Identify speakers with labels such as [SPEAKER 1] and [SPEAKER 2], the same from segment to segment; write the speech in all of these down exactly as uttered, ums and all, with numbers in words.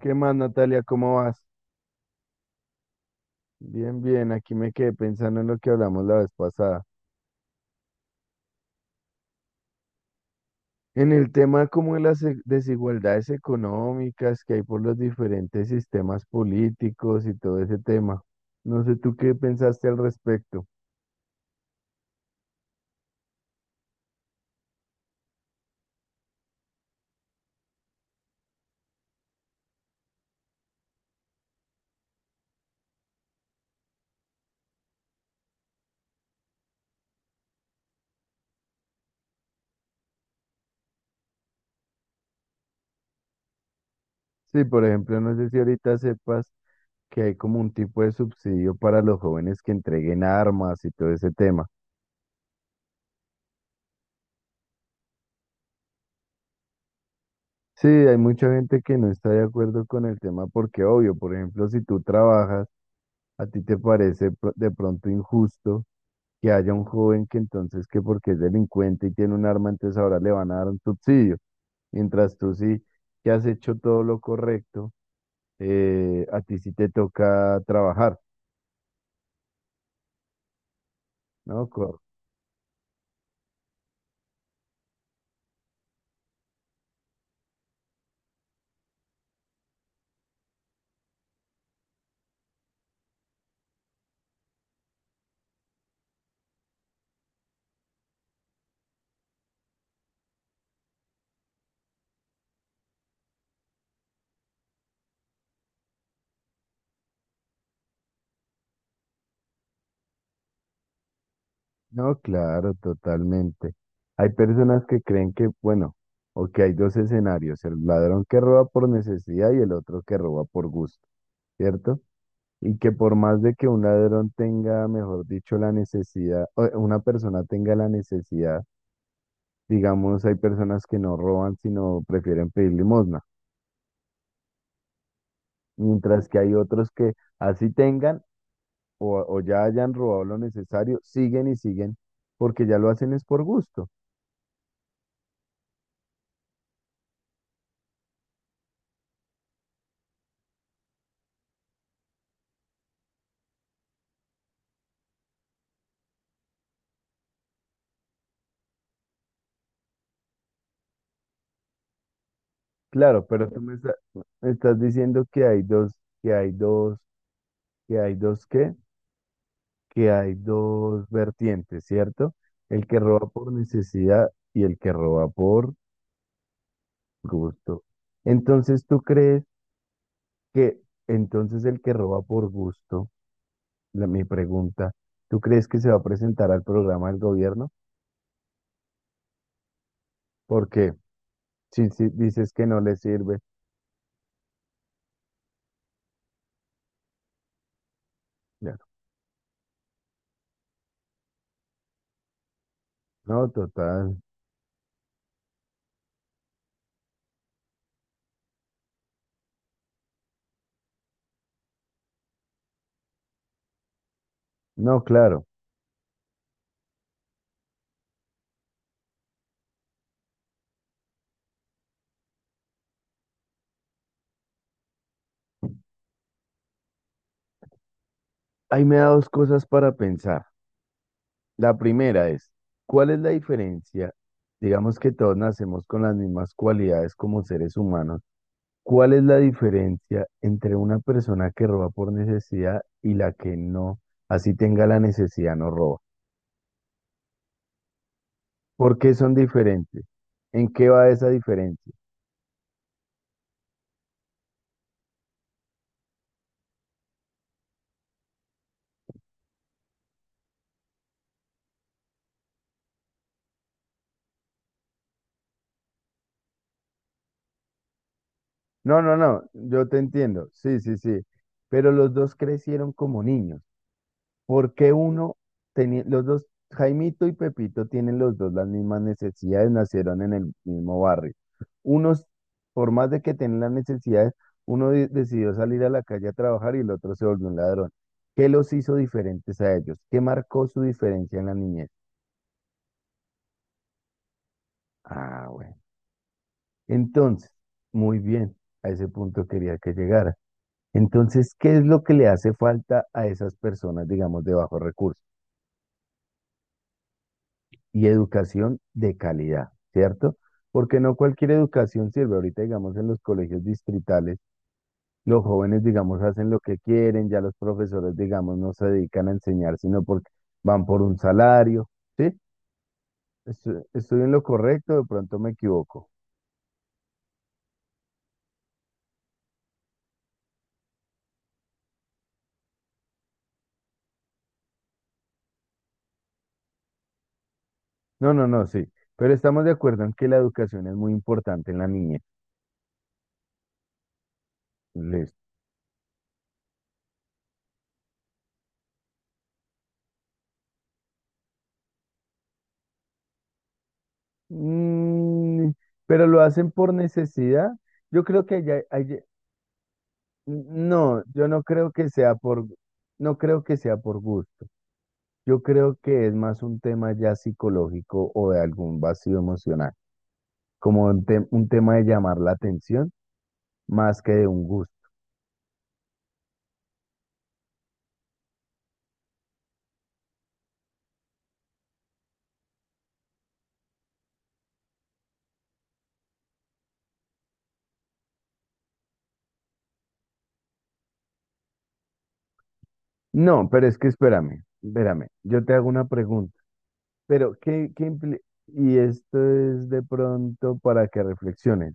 [SPEAKER 1] ¿Qué más, Natalia? ¿Cómo vas? Bien, bien, aquí me quedé pensando en lo que hablamos la vez pasada. En el tema como de las e- desigualdades económicas que hay por los diferentes sistemas políticos y todo ese tema. No sé tú qué pensaste al respecto. Sí, por ejemplo, no sé si ahorita sepas que hay como un tipo de subsidio para los jóvenes que entreguen armas y todo ese tema. Sí, hay mucha gente que no está de acuerdo con el tema porque, obvio, por ejemplo, si tú trabajas, a ti te parece pro- de pronto injusto que haya un joven que entonces que porque es delincuente y tiene un arma, entonces ahora le van a dar un subsidio. Mientras tú sí que has hecho todo lo correcto, eh, a ti sí te toca trabajar, ¿no? Co- No, claro, totalmente. Hay personas que creen que, bueno, o que hay dos escenarios, el ladrón que roba por necesidad y el otro que roba por gusto, ¿cierto? Y que por más de que un ladrón tenga, mejor dicho, la necesidad, o una persona tenga la necesidad. Digamos, hay personas que no roban, sino prefieren pedir limosna, mientras que hay otros que así tengan o, o ya hayan robado lo necesario, siguen y siguen porque ya lo hacen es por gusto. Claro, pero tú me, está- me estás diciendo que hay dos, que hay dos, que hay dos qué, que hay dos vertientes, ¿cierto? El que roba por necesidad y el que roba por gusto. Entonces, ¿tú crees que entonces el que roba por gusto, la- mi pregunta, tú crees que se va a presentar al programa del gobierno? Porque si, si dices que no le sirve, claro, no, total, no, claro. Ahí me da dos cosas para pensar. La primera es, ¿cuál es la diferencia? Digamos que todos nacemos con las mismas cualidades como seres humanos. ¿Cuál es la diferencia entre una persona que roba por necesidad y la que no, así tenga la necesidad, no roba? ¿Por qué son diferentes? ¿En qué va esa diferencia? No, no, no, yo te entiendo, sí, sí, sí, pero los dos crecieron como niños. ¿Por qué uno tenía, los dos, Jaimito y Pepito tienen los dos las mismas necesidades, nacieron en el mismo barrio? Unos, por más de que tienen las necesidades, uno de- decidió salir a la calle a trabajar y el otro se volvió un ladrón. ¿Qué los hizo diferentes a ellos? ¿Qué marcó su diferencia en la niñez? Ah, bueno. Entonces, muy bien, a ese punto quería que llegara. Entonces, ¿qué es lo que le hace falta a esas personas, digamos, de bajos recursos? Y educación de calidad, ¿cierto? Porque no cualquier educación sirve. Ahorita, digamos, en los colegios distritales, los jóvenes, digamos, hacen lo que quieren, ya los profesores, digamos, no se dedican a enseñar, sino porque van por un salario, ¿sí? Estu- Estoy en lo correcto, de pronto me equivoco. No, no, no, sí. Pero estamos de acuerdo en que la educación es muy importante en la niñez. Mm. Pero lo hacen por necesidad. Yo creo que ya, hay- no, yo no creo que sea por, no creo que sea por gusto. Yo creo que es más un tema ya psicológico o de algún vacío emocional, como un, te- un tema de llamar la atención más que de un gusto. No, pero es que espérame, espérame. Yo te hago una pregunta, pero ¿qué, qué impli- y esto es de pronto para que reflexiones.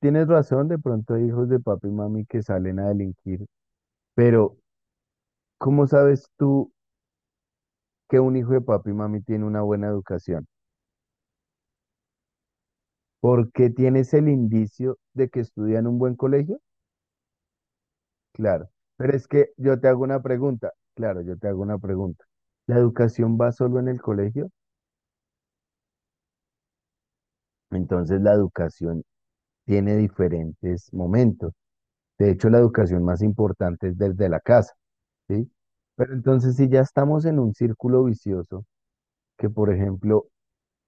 [SPEAKER 1] Tienes razón, de pronto hay hijos de papi y mami que salen a delinquir. Pero, ¿cómo sabes tú que un hijo de papi y mami tiene una buena educación? Porque tienes el indicio de que estudia en un buen colegio, claro. Pero es que yo te hago una pregunta, claro, yo te hago una pregunta. ¿La educación va solo en el colegio? Entonces la educación tiene diferentes momentos. De hecho, la educación más importante es desde la casa, ¿sí? Pero entonces si ya estamos en un círculo vicioso, que por ejemplo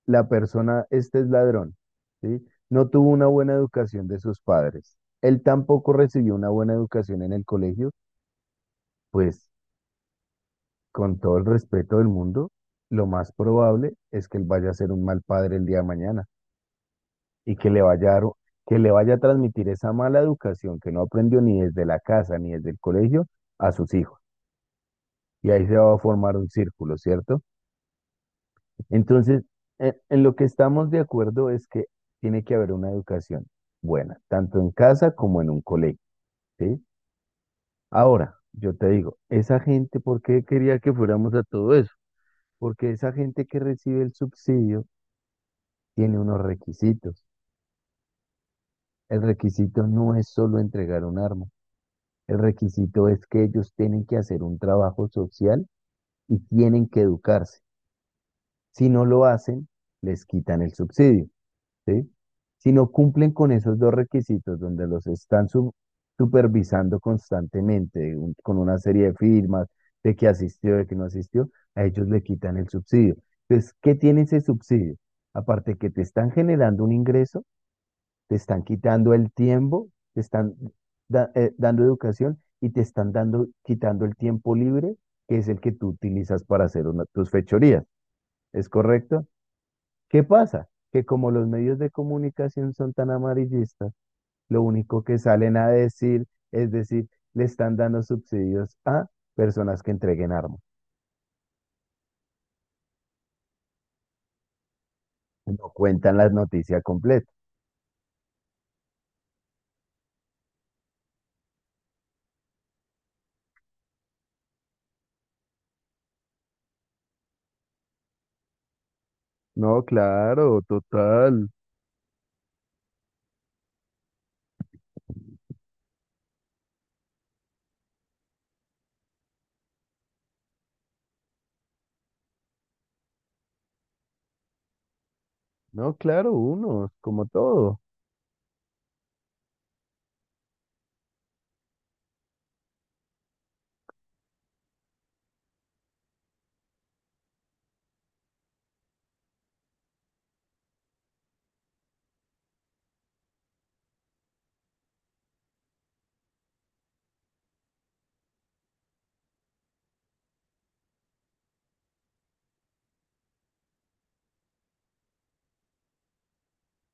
[SPEAKER 1] la persona, este es ladrón, ¿sí? No tuvo una buena educación de sus padres. Él tampoco recibió una buena educación en el colegio, pues con todo el respeto del mundo, lo más probable es que él vaya a ser un mal padre el día de mañana y que le vaya a, dar- que le vaya a transmitir esa mala educación que no aprendió ni desde la casa ni desde el colegio a sus hijos. Y ahí se va a formar un círculo, ¿cierto? Entonces, e- en lo que estamos de acuerdo es que tiene que haber una educación buena, tanto en casa como en un colegio, ¿sí? Ahora, yo te digo, esa gente, ¿por qué quería que fuéramos a todo eso? Porque esa gente que recibe el subsidio tiene unos requisitos. El requisito no es solo entregar un arma, el requisito es que ellos tienen que hacer un trabajo social y tienen que educarse. Si no lo hacen, les quitan el subsidio. ¿Sí? Si no cumplen con esos dos requisitos, donde los están su- supervisando constantemente un- con una serie de firmas, de que asistió, de que no asistió, a ellos le quitan el subsidio. Entonces, ¿qué tiene ese subsidio? Aparte que te están generando un ingreso, te están quitando el tiempo, te están da- eh, dando educación y te están dando, quitando el tiempo libre, que es el que tú utilizas para hacer una- tus fechorías. ¿Es correcto? ¿Qué pasa? Que como los medios de comunicación son tan amarillistas, lo único que salen a decir es decir, le están dando subsidios a personas que entreguen armas. No cuentan la noticia completa. No, claro, total. No, claro, unos, como todo.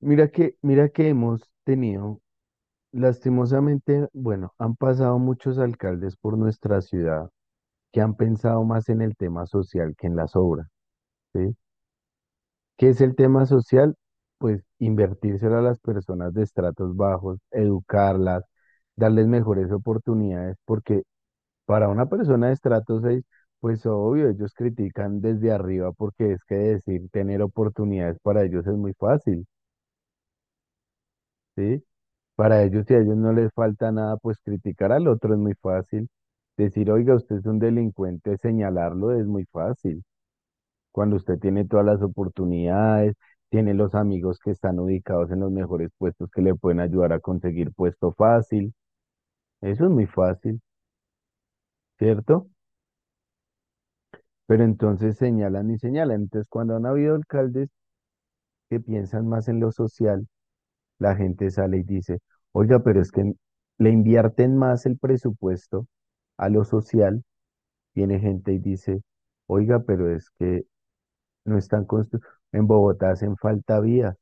[SPEAKER 1] Mira que, mira que hemos tenido, lastimosamente, bueno, han pasado muchos alcaldes por nuestra ciudad que han pensado más en el tema social que en las obras, ¿sí? ¿Qué es el tema social? Pues invertírselo a las personas de estratos bajos, educarlas, darles mejores oportunidades, porque para una persona de estrato seis, pues obvio, ellos critican desde arriba porque es que decir tener oportunidades para ellos es muy fácil, ¿sí? Para ellos, si a ellos no les falta nada, pues criticar al otro es muy fácil. Decir, oiga, usted es un delincuente, señalarlo es muy fácil. Cuando usted tiene todas las oportunidades, tiene los amigos que están ubicados en los mejores puestos que le pueden ayudar a conseguir puesto fácil. Eso es muy fácil, ¿cierto? Pero entonces señalan y señalan. Entonces, cuando han habido alcaldes que piensan más en lo social, la gente sale y dice, oiga, pero es que le invierten más el presupuesto a lo social. Viene gente y dice, oiga, pero es que no están construyendo. En Bogotá hacen falta vías.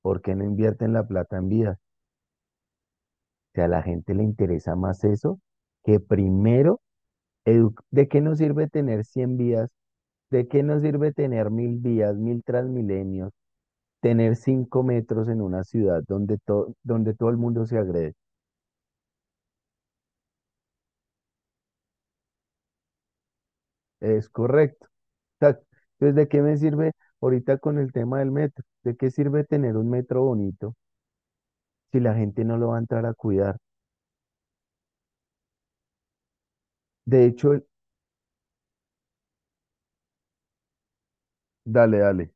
[SPEAKER 1] ¿Por qué no invierten la plata en vías? Sea, a la gente le interesa más eso que primero, edu- ¿de qué nos sirve tener cien vías? ¿De qué nos sirve tener mil vías, mil transmilenios, tener cinco metros en una ciudad donde, to- donde todo el mundo se agrede? Es correcto. Tac. Entonces, ¿de qué me sirve ahorita con el tema del metro? ¿De qué sirve tener un metro bonito si la gente no lo va a entrar a cuidar? De hecho, el- dale, dale.